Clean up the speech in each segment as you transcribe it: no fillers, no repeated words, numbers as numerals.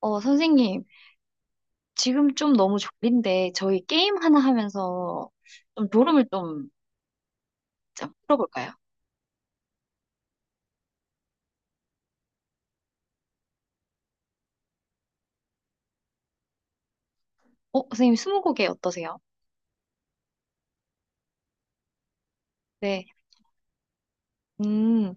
선생님, 지금 좀 너무 졸린데, 저희 게임 하나 하면서 좀 졸음을 좀 풀어볼까요? 선생님, 스무고개 어떠세요? 네. 음,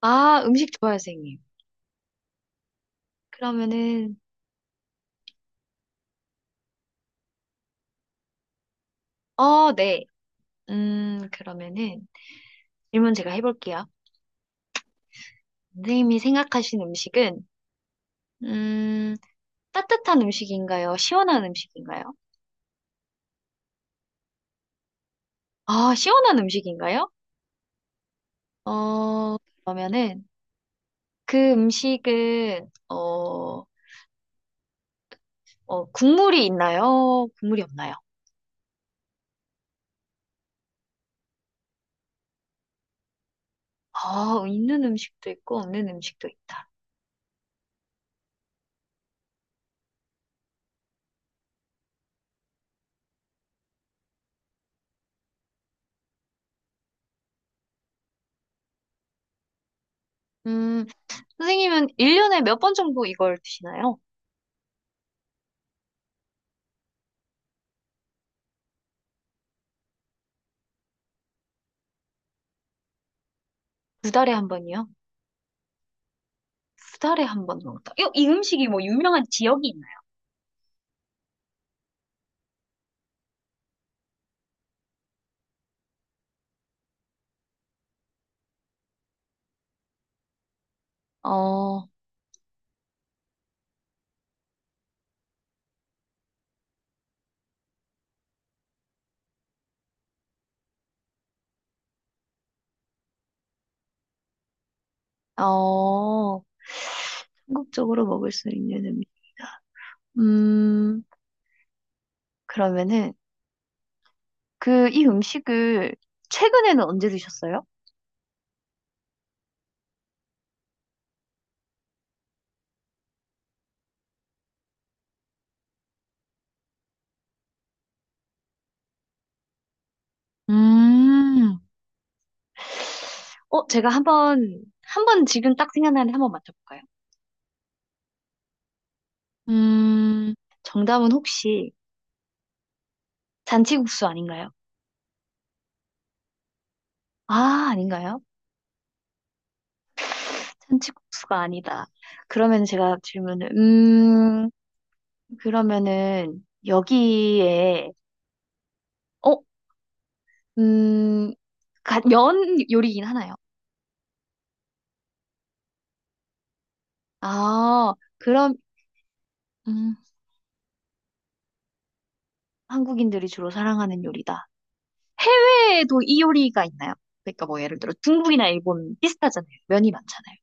아, 음식 좋아요, 선생님. 그러면은, 네. 그러면은, 질문 제가 해볼게요. 선생님이 생각하신 음식은, 음, 따뜻한 음식인가요? 시원한 음식인가요? 아, 시원한 음식인가요? 어, 그러면은, 그 음식은, 국물이 있나요? 국물이 없나요? 아, 있는 음식도 있고 없는 음식도 있다. 음, 선생님은 1년에 몇 번 정도 이걸 드시나요? 두 달에 한 번이요? 두 달에 한 번 정도. 이 음식이 뭐 유명한 지역이 있나요? 어, 어, 한국적으로 먹을 수 있는 음식이다. 음, 그러면은 그 이 음식을 최근에는 언제 드셨어요? 음, 제가 한번 지금 딱 생각나는데 한번 맞춰볼까요? 음, 정답은 혹시 잔치국수 아닌가요? 아, 아닌가요? 잔치국수가 아니다. 그러면 제가 질문을, 그러면은 여기에, 어, 음, 면 요리긴 하나요? 아, 그럼, 음, 한국인들이 주로 사랑하는 요리다. 해외에도 이 요리가 있나요? 그러니까 뭐 예를 들어 중국이나 일본 비슷하잖아요. 면이 많잖아요.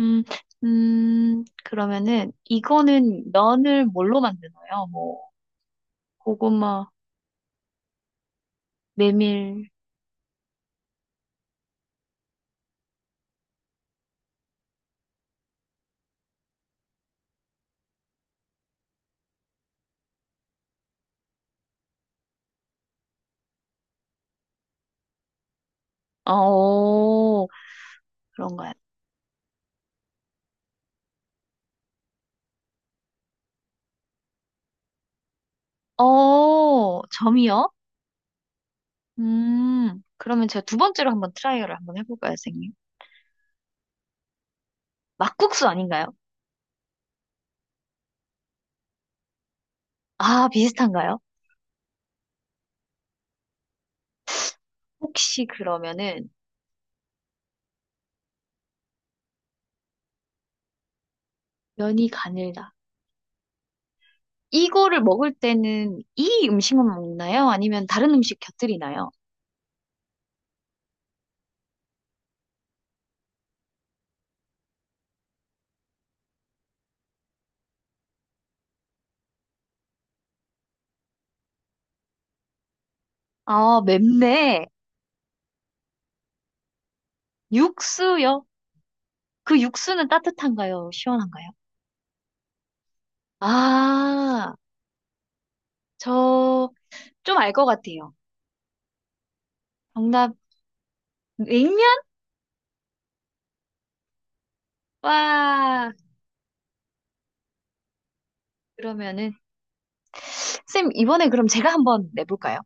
음, 그러면은 이거는 면을 뭘로 만드나요? 뭐 고구마, 메밀, 어, 그런가요? 점이요? 그러면 제가 두 번째로 한번 트라이얼을 한번 해볼까요, 선생님? 막국수 아닌가요? 아, 비슷한가요? 혹시 그러면은 면이 가늘다. 이거를 먹을 때는 이 음식만 먹나요? 아니면 다른 음식 곁들이나요? 아, 맵네. 육수요? 그 육수는 따뜻한가요? 시원한가요? 아, 저 좀 알 것 같아요. 정답, 냉면? 와, 그러면은, 쌤, 이번에 그럼 제가 한번 내볼까요?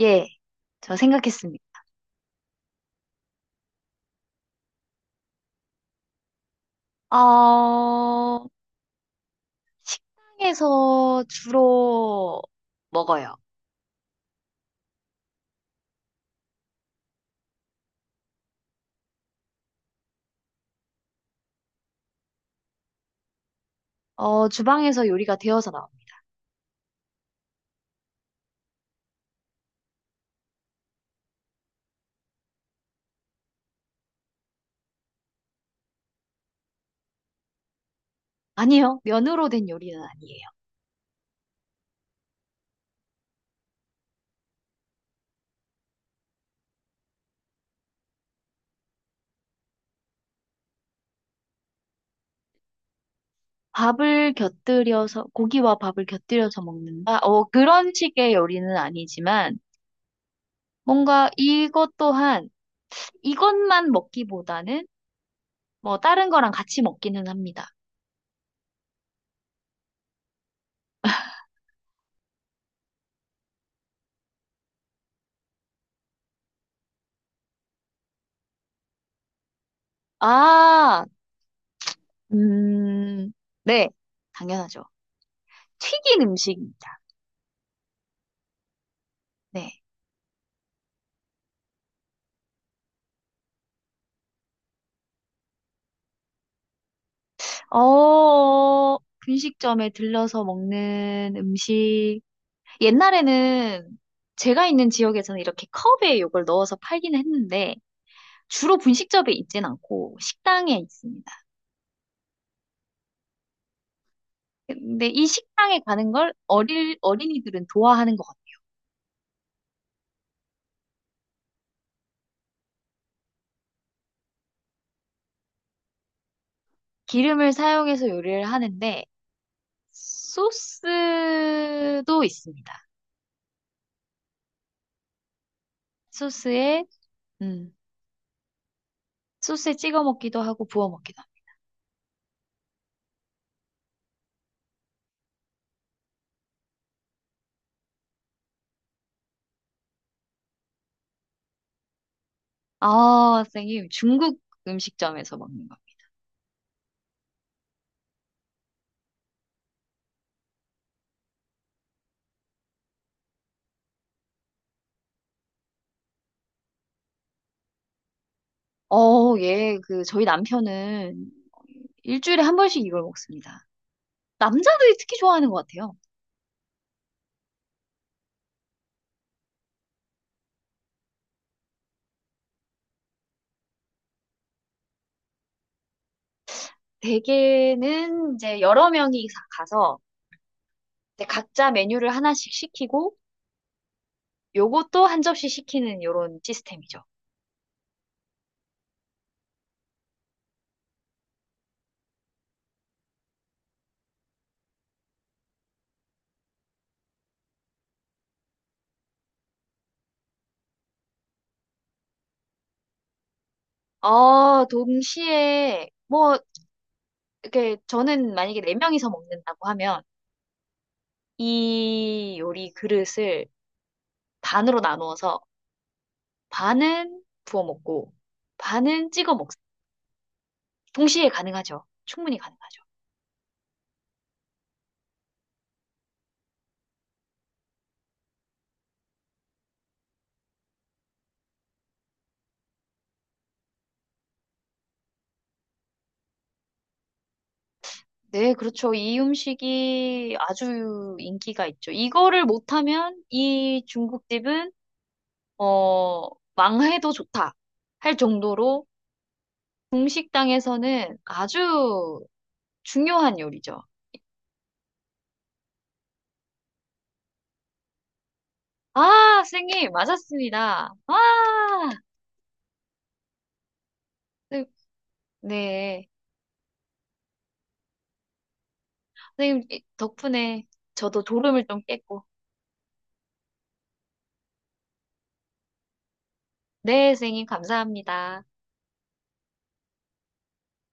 예, 저 생각했습니다. 어, 식당에서 주로 먹어요. 주방에서 요리가 되어서 나옵니다. 아니요, 면으로 된 요리는 아니에요. 밥을 곁들여서, 고기와 밥을 곁들여서 먹는다? 그런 식의 요리는 아니지만, 뭔가 이것 또한 이것만 먹기보다는 뭐 다른 거랑 같이 먹기는 합니다. 아, 음, 네, 당연하죠. 튀긴 음식입니다. 네. 어, 분식점에 들러서 먹는 음식. 옛날에는 제가 있는 지역에서는 이렇게 컵에 이걸 넣어서 팔긴 했는데 주로 분식점에 있진 않고 식당에 있습니다. 근데 이 식당에 가는 걸 어린이들은 좋아하는 것 같아요. 기름을 사용해서 요리를 하는데 소스도 있습니다. 소스에 음, 소스에 찍어 먹기도 하고 부어 먹기도 합니다. 아, 선생님 중국 음식점에서 먹는 겁니다. 예, 그 저희 남편은 일주일에 한 번씩 이걸 먹습니다. 남자들이 특히 좋아하는 것 같아요. 대개는 이제 여러 명이 가서 이제 각자 메뉴를 하나씩 시키고 요것도 한 접시 시키는 요런 시스템이죠. 아, 동시에 뭐 이게 저는 만약에 네 명이서 먹는다고 하면 이 요리 그릇을 반으로 나누어서 반은 부어 먹고 반은 찍어 먹, 동시에 가능하죠. 충분히 가능하죠. 네, 그렇죠. 이 음식이 아주 인기가 있죠. 이거를 못하면 이 중국집은 어, 망해도 좋다 할 정도로 중식당에서는 아주 중요한 요리죠. 아, 선생님, 맞았습니다. 아. 네, 네. 선생님 덕분에 저도 졸음을 좀 깼고. 네, 선생님 감사합니다.